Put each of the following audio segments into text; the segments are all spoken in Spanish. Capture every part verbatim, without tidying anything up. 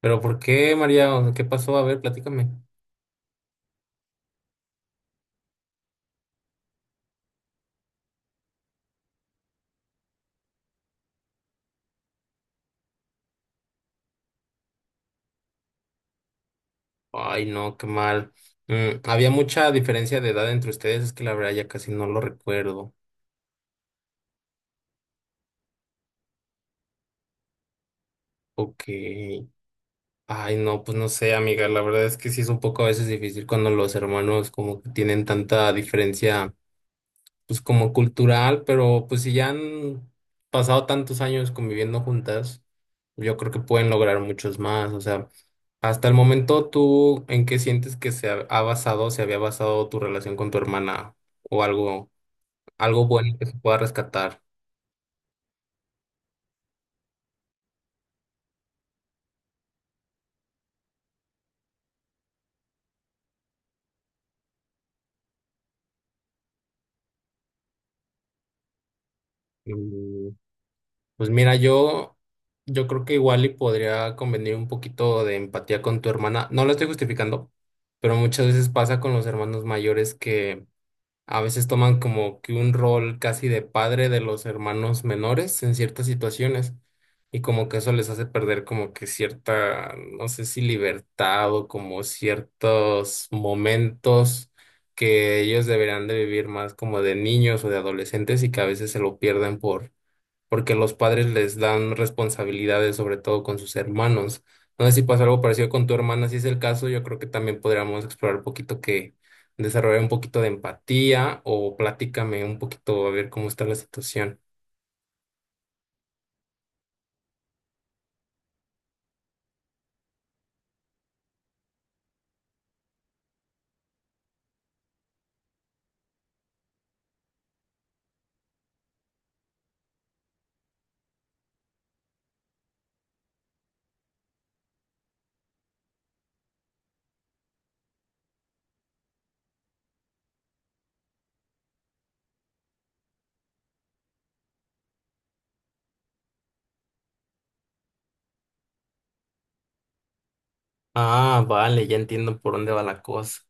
Pero ¿por qué, María? O sea, ¿qué pasó? A ver, platícame. Ay, no, qué mal. Mm, había mucha diferencia de edad entre ustedes, es que la verdad ya casi no lo recuerdo. Ok. Ay, no, pues no sé, amiga. La verdad es que sí es un poco a veces difícil cuando los hermanos como que tienen tanta diferencia, pues como cultural, pero pues si ya han pasado tantos años conviviendo juntas, yo creo que pueden lograr muchos más. O sea. Hasta el momento, ¿tú en qué sientes que se ha ha basado, se había basado tu relación con tu hermana o algo, algo bueno que se pueda rescatar? Mm, Pues mira, yo, yo creo que igual y podría convenir un poquito de empatía con tu hermana. No lo estoy justificando, pero muchas veces pasa con los hermanos mayores que a veces toman como que un rol casi de padre de los hermanos menores en ciertas situaciones y como que eso les hace perder como que cierta, no sé si libertad o como ciertos momentos que ellos deberían de vivir más como de niños o de adolescentes y que a veces se lo pierden porque los padres les dan responsabilidades, sobre todo con sus hermanos. No sé si pasa algo parecido con tu hermana, si es el caso, yo creo que también podríamos explorar un poquito que desarrollar un poquito de empatía o platícame un poquito a ver cómo está la situación. Ah, vale, ya entiendo por dónde va la cosa.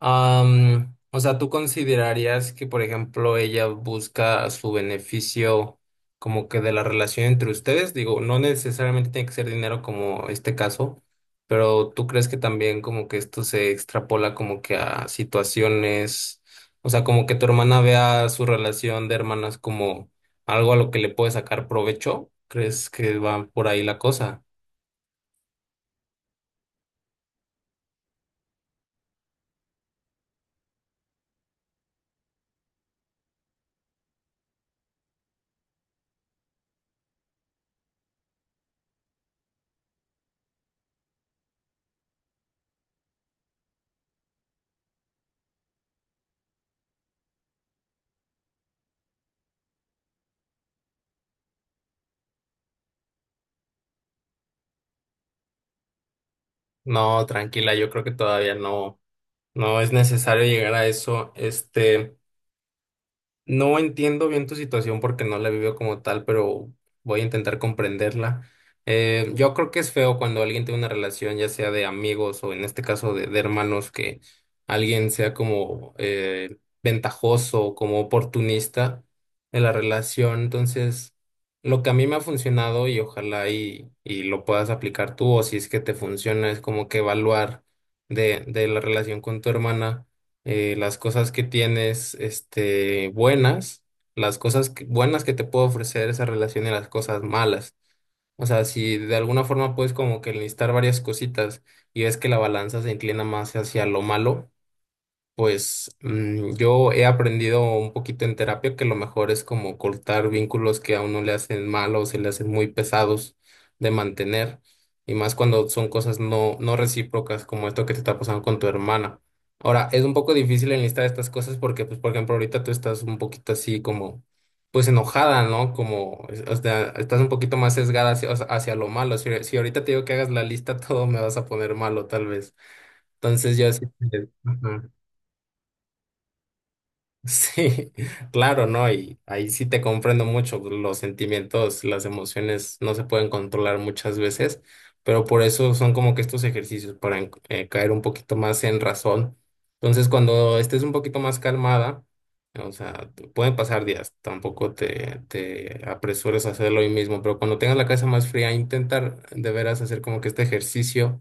Am, o sea, ¿tú considerarías que, por ejemplo, ella busca su beneficio como que de la relación entre ustedes? Digo, no necesariamente tiene que ser dinero como este caso, pero ¿tú crees que también como que esto se extrapola como que a situaciones, o sea, como que tu hermana vea su relación de hermanas como algo a lo que le puede sacar provecho? ¿Crees que va por ahí la cosa? No, tranquila, yo creo que todavía no, no es necesario llegar a eso. Este. No entiendo bien tu situación porque no la he vivido como tal, pero voy a intentar comprenderla. Eh, yo creo que es feo cuando alguien tiene una relación, ya sea de amigos o en este caso de, de hermanos, que alguien sea como eh, ventajoso, como oportunista en la relación. Entonces, lo que a mí me ha funcionado y ojalá y, y lo puedas aplicar tú o si es que te funciona, es como que evaluar de, de la relación con tu hermana eh, las cosas que tienes, este, buenas, las cosas que- buenas que te puede ofrecer esa relación y las cosas malas. O sea, si de alguna forma puedes como que listar varias cositas y ves que la balanza se inclina más hacia lo malo, pues mm, yo he aprendido un poquito en terapia que lo mejor es como cortar vínculos que a uno le hacen mal o se le hacen muy pesados de mantener, y más cuando son cosas no, no recíprocas como esto que te está pasando con tu hermana. Ahora, es un poco difícil enlistar estas cosas porque, pues, por ejemplo, ahorita tú estás un poquito así como, pues, enojada, ¿no? Como, es- o sea, estás un poquito más sesgada hacia, o sea, hacia lo malo. Si, si ahorita te digo que hagas la lista, todo me vas a poner malo, tal vez. Entonces yo así... Ajá. Sí, claro, ¿no? Y ahí sí te comprendo mucho. Los sentimientos, las emociones no se pueden controlar muchas veces, pero por eso son como que estos ejercicios para en- eh, caer un poquito más en razón. Entonces, cuando estés un poquito más calmada, o sea, te- pueden pasar días, tampoco te, te apresures a hacerlo hoy mismo, pero cuando tengas la cabeza más fría, intentar de veras hacer como que este ejercicio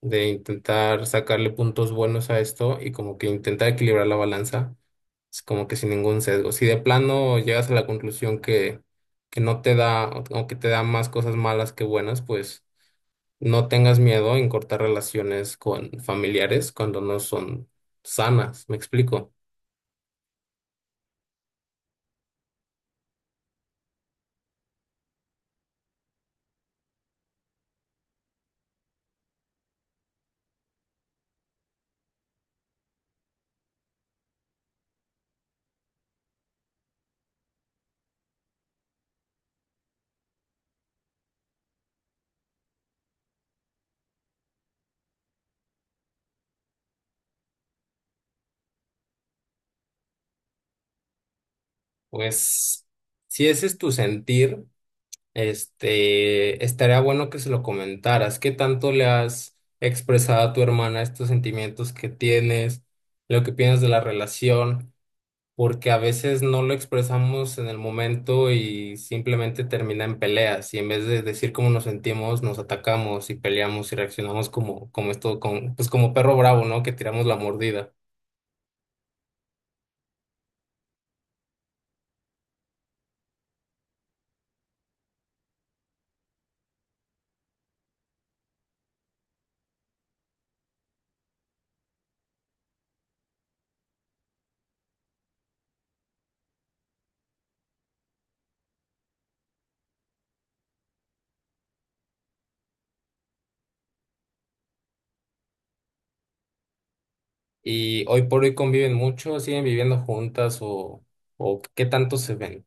de intentar sacarle puntos buenos a esto y como que intentar equilibrar la balanza es como que sin ningún sesgo. Si de plano llegas a la conclusión que, que no te da o o que te da más cosas malas que buenas, pues no tengas miedo en cortar relaciones con familiares cuando no son sanas. ¿Me explico? Pues si ese es tu sentir, este, estaría bueno que se lo comentaras. ¿Qué tanto le has expresado a tu hermana estos sentimientos que tienes, lo que piensas de la relación? Porque a veces no lo expresamos en el momento y simplemente termina en peleas y en vez de decir cómo nos sentimos, nos atacamos y peleamos y reaccionamos como, como esto, con, pues como perro bravo, ¿no? Que tiramos la mordida. Y hoy por hoy conviven mucho, siguen viviendo juntas o, o qué tanto se ven.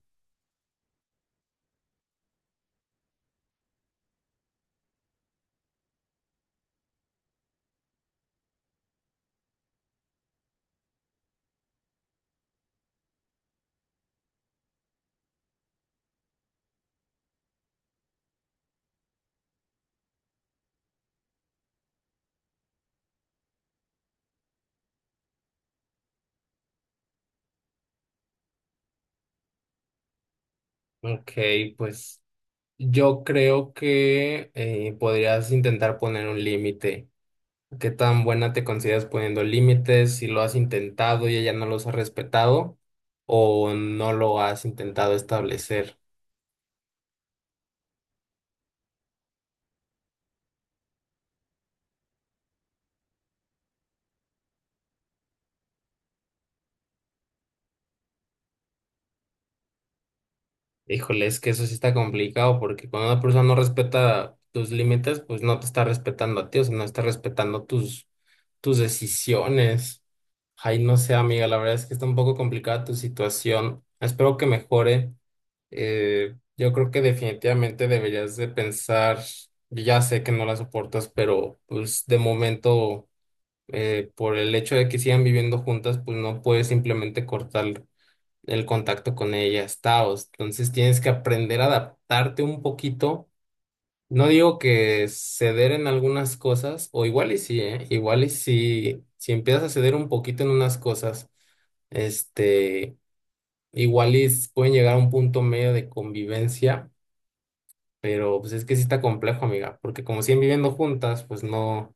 Ok, pues yo creo que eh, podrías intentar poner un límite. ¿Qué tan buena te consideras poniendo límites? Si lo has intentado y ella no los ha respetado o no lo has intentado establecer. Híjole, es que eso sí está complicado porque cuando una persona no respeta tus límites, pues no te está respetando a ti, o sea, no está respetando tus, tus decisiones. Ay, no sé, amiga, la verdad es que está un poco complicada tu situación. Espero que mejore. Eh, yo creo que definitivamente deberías de pensar, ya sé que no la soportas, pero pues de momento, eh, por el hecho de que sigan viviendo juntas, pues no puedes simplemente cortar el contacto con ellas, taos. Entonces tienes que aprender a adaptarte un poquito. No digo que ceder en algunas cosas, o igual y sí, ¿eh? Igual y sí, si empiezas a ceder un poquito en unas cosas. Este, igual y s- pueden llegar a un punto medio de convivencia pero pues es que sí está complejo, amiga, porque como siguen viviendo juntas, pues no,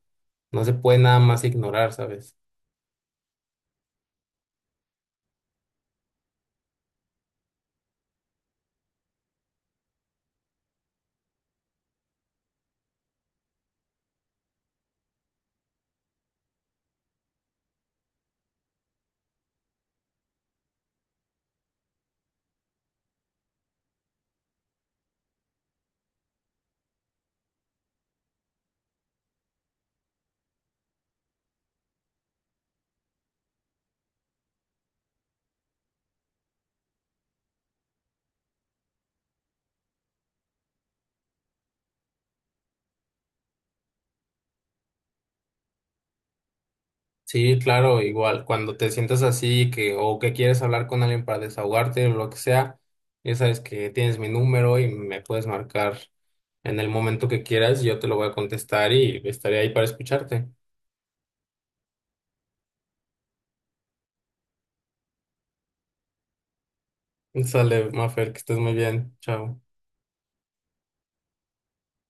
no se puede nada más ignorar, ¿sabes? Sí, claro, igual, cuando te sientas así que, o que quieres hablar con alguien para desahogarte o lo que sea, ya sabes que tienes mi número y me puedes marcar en el momento que quieras, yo te lo voy a contestar y estaré ahí para escucharte. Sale, Mafer, que estés muy bien. Chao.